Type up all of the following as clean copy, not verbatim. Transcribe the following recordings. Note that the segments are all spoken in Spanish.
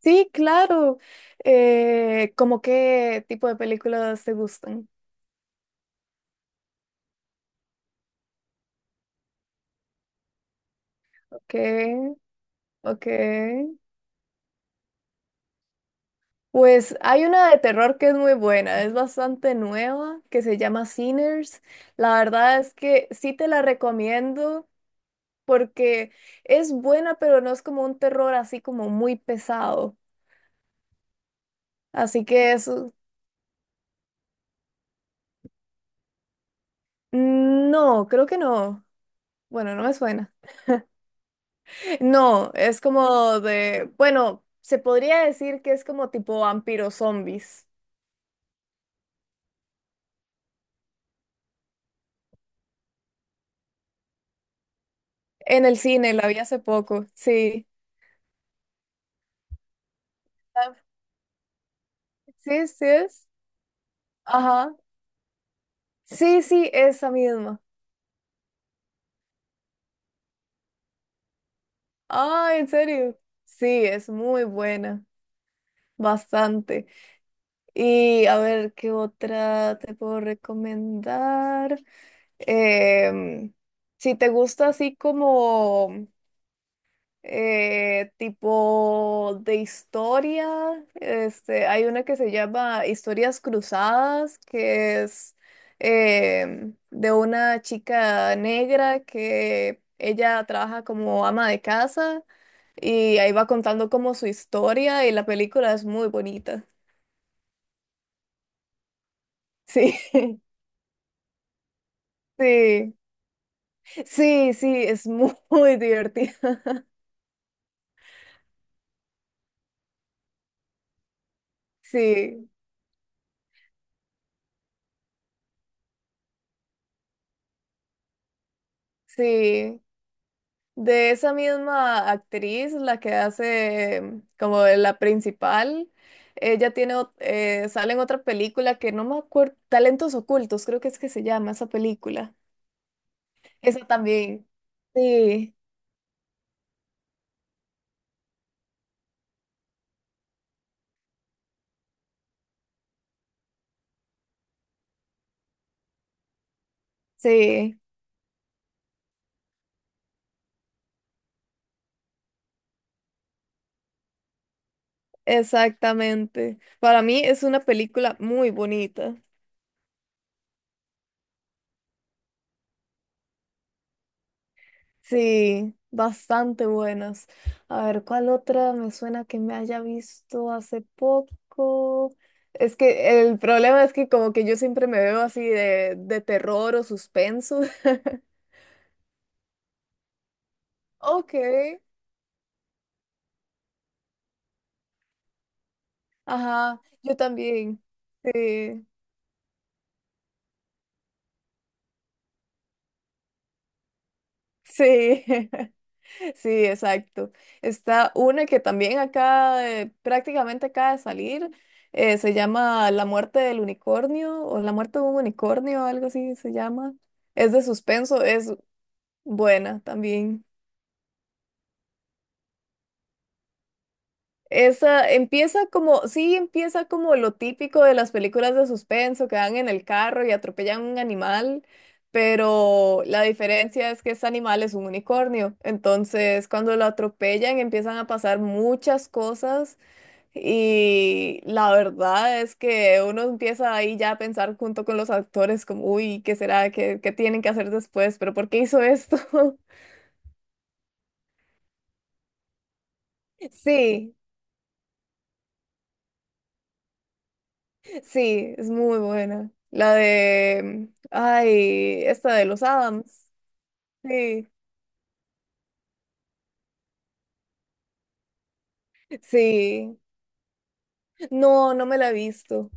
Sí, claro. ¿Cómo qué tipo de películas te gustan? Ok, ok. Pues hay una de terror que es muy buena, es bastante nueva, que se llama Sinners. La verdad es que sí te la recomiendo porque es buena, pero no es como un terror así como muy pesado. Así que eso, no, creo que no. Bueno, no me suena. No, es como de, bueno, se podría decir que es como tipo vampiros zombies. En el cine la vi hace poco, sí. Ah, sí, sí es. Ajá. Sí, sí, esa misma. Ah, en serio. Sí, es muy buena, bastante. Y a ver, ¿qué otra te puedo recomendar? Em, si te gusta así como... tipo de historia. Hay una que se llama Historias Cruzadas, que es de una chica negra que ella trabaja como ama de casa y ahí va contando como su historia y la película es muy bonita. Sí, sí, sí, sí, es muy divertida. Sí, sí. De esa misma actriz, la que hace como de la principal, ella tiene, sale en otra película que no me acuerdo, Talentos Ocultos, creo que es que se llama esa película. Esa también. Sí, sí, exactamente. Para mí es una película muy bonita. Sí, bastante buenas. A ver, ¿cuál otra me suena que me haya visto hace poco? Es que el problema es que como que yo siempre me veo así de terror o suspenso. Ok, ajá, yo también. Sí. Sí, sí, exacto. Está una que también acá prácticamente acaba de salir, se llama La muerte del unicornio o La muerte de un unicornio, algo así se llama. Es de suspenso, es buena también. Esa empieza como, sí, empieza como lo típico de las películas de suspenso, que van en el carro y atropellan un animal, pero la diferencia es que este animal es un unicornio. Entonces, cuando lo atropellan, empiezan a pasar muchas cosas y la verdad es que uno empieza ahí ya a pensar junto con los actores como, uy, ¿qué será? ¿Qué, qué tienen que hacer después? ¿Pero por qué hizo esto? Sí. Sí, es muy buena. La de, ay, esta de los Adams. Sí, sí. No, no me la he visto.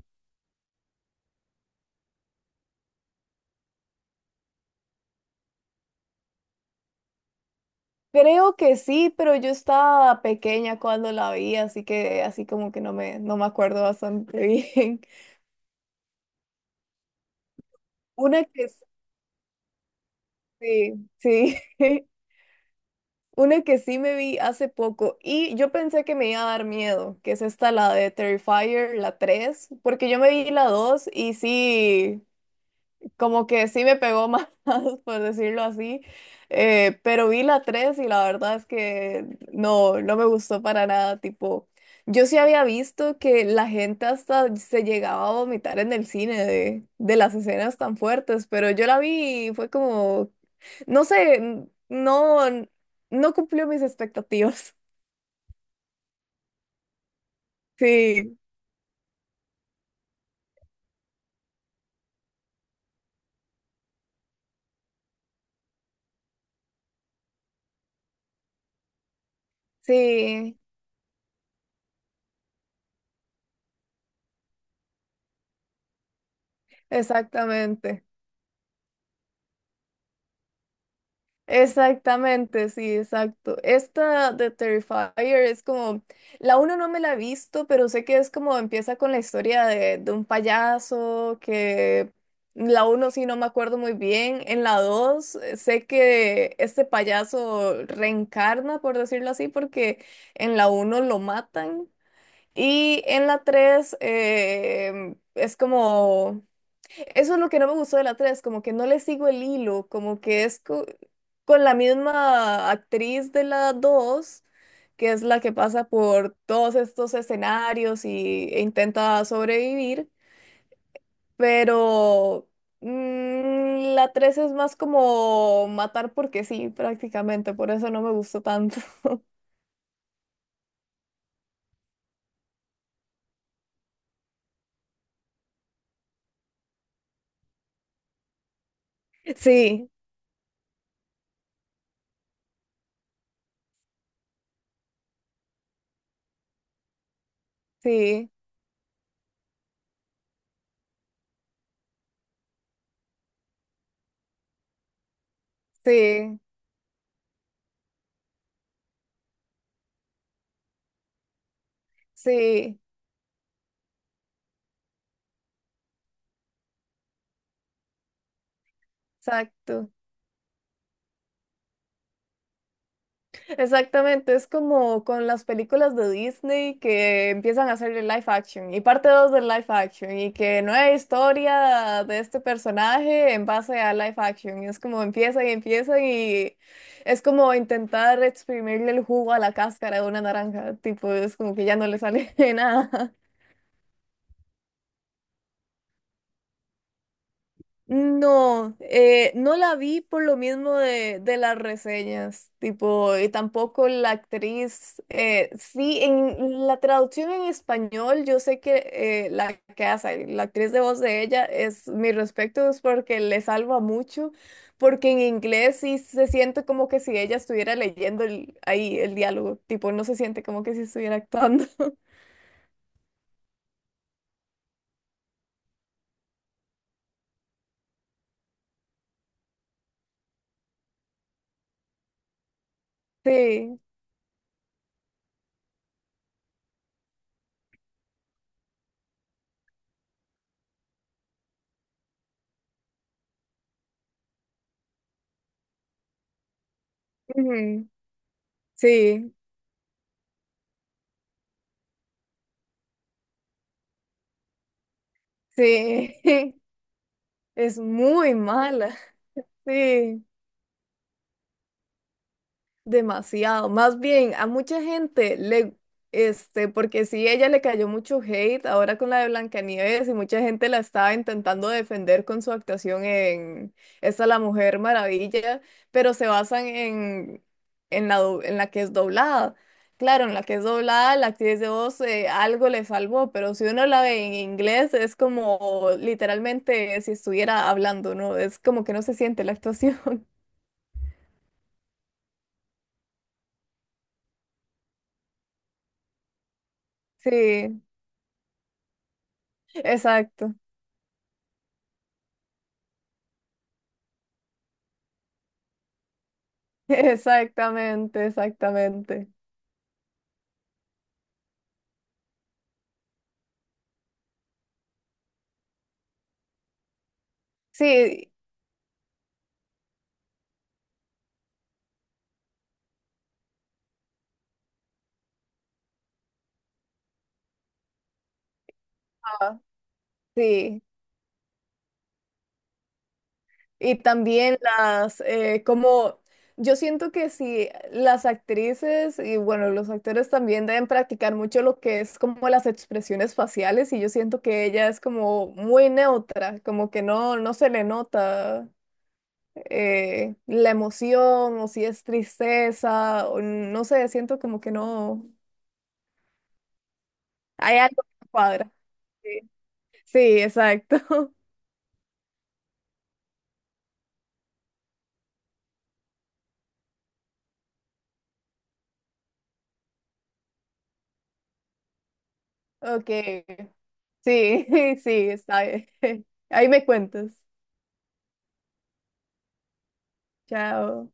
Creo que sí, pero yo estaba pequeña cuando la vi, así que así como que no me, no me acuerdo bastante bien. Una que sí, sí. Una que sí me vi hace poco y yo pensé que me iba a dar miedo, que es esta, la de Terrifier, la 3, porque yo me vi la 2 y sí. Como que sí me pegó más, por decirlo así, pero vi la 3 y la verdad es que no, no me gustó para nada, tipo, yo sí había visto que la gente hasta se llegaba a vomitar en el cine de las escenas tan fuertes, pero yo la vi y fue como, no sé, no, no cumplió mis expectativas. Sí, sí, exactamente. Exactamente, sí, exacto. Esta de Terrifier es como, la uno no me la he visto, pero sé que es como empieza con la historia de un payaso, que la uno sí no me acuerdo muy bien. En la dos sé que este payaso reencarna, por decirlo así, porque en la uno lo matan. Y en la tres es como... Eso es lo que no me gustó de la 3 como que no le sigo el hilo, como que es co- con la misma actriz de la 2 que es la que pasa por todos estos escenarios y, e intenta sobrevivir, pero la 3 es más como matar porque sí, prácticamente, por eso no me gustó tanto. Sí, sí, sí, sí, exacto. Exactamente, es como con las películas de Disney que empiezan a hacer el live action y parte 2 del live action y que nueva historia de este personaje en base a live action. Y es como empiezan y empiezan y es como intentar exprimirle el jugo a la cáscara de una naranja, tipo, es como que ya no le sale nada. No, no la vi por lo mismo de las reseñas, tipo, y tampoco la actriz, sí, en la traducción en español, yo sé que la que hace, la actriz de voz de ella, es mi respeto, es porque le salva mucho, porque en inglés sí se siente como que si ella estuviera leyendo ahí el diálogo, tipo, no se siente como que si estuviera actuando. Sí, ujú, sí, sí, es muy mala. Sí, demasiado. Más bien, a mucha gente le, este, porque sí, ella le cayó mucho hate ahora con la de Blancanieves y mucha gente la estaba intentando defender con su actuación en esta La Mujer Maravilla, pero se basan en la, en la que es doblada. Claro, en la que es doblada, la actriz de voz algo le salvó, pero si uno la ve en inglés es como literalmente si estuviera hablando, ¿no? Es como que no se siente la actuación. Sí. Exacto, exactamente, exactamente. Sí, ah, sí. Y también las, como yo siento que si las actrices y bueno, los actores también deben practicar mucho lo que es como las expresiones faciales y yo siento que ella es como muy neutra, como que no, no se le nota la emoción o si es tristeza o no sé, siento como que no, hay algo que no cuadra. Sí. Sí, exacto. Ok. Sí, sí, está bien. Ahí me cuentas. Chao.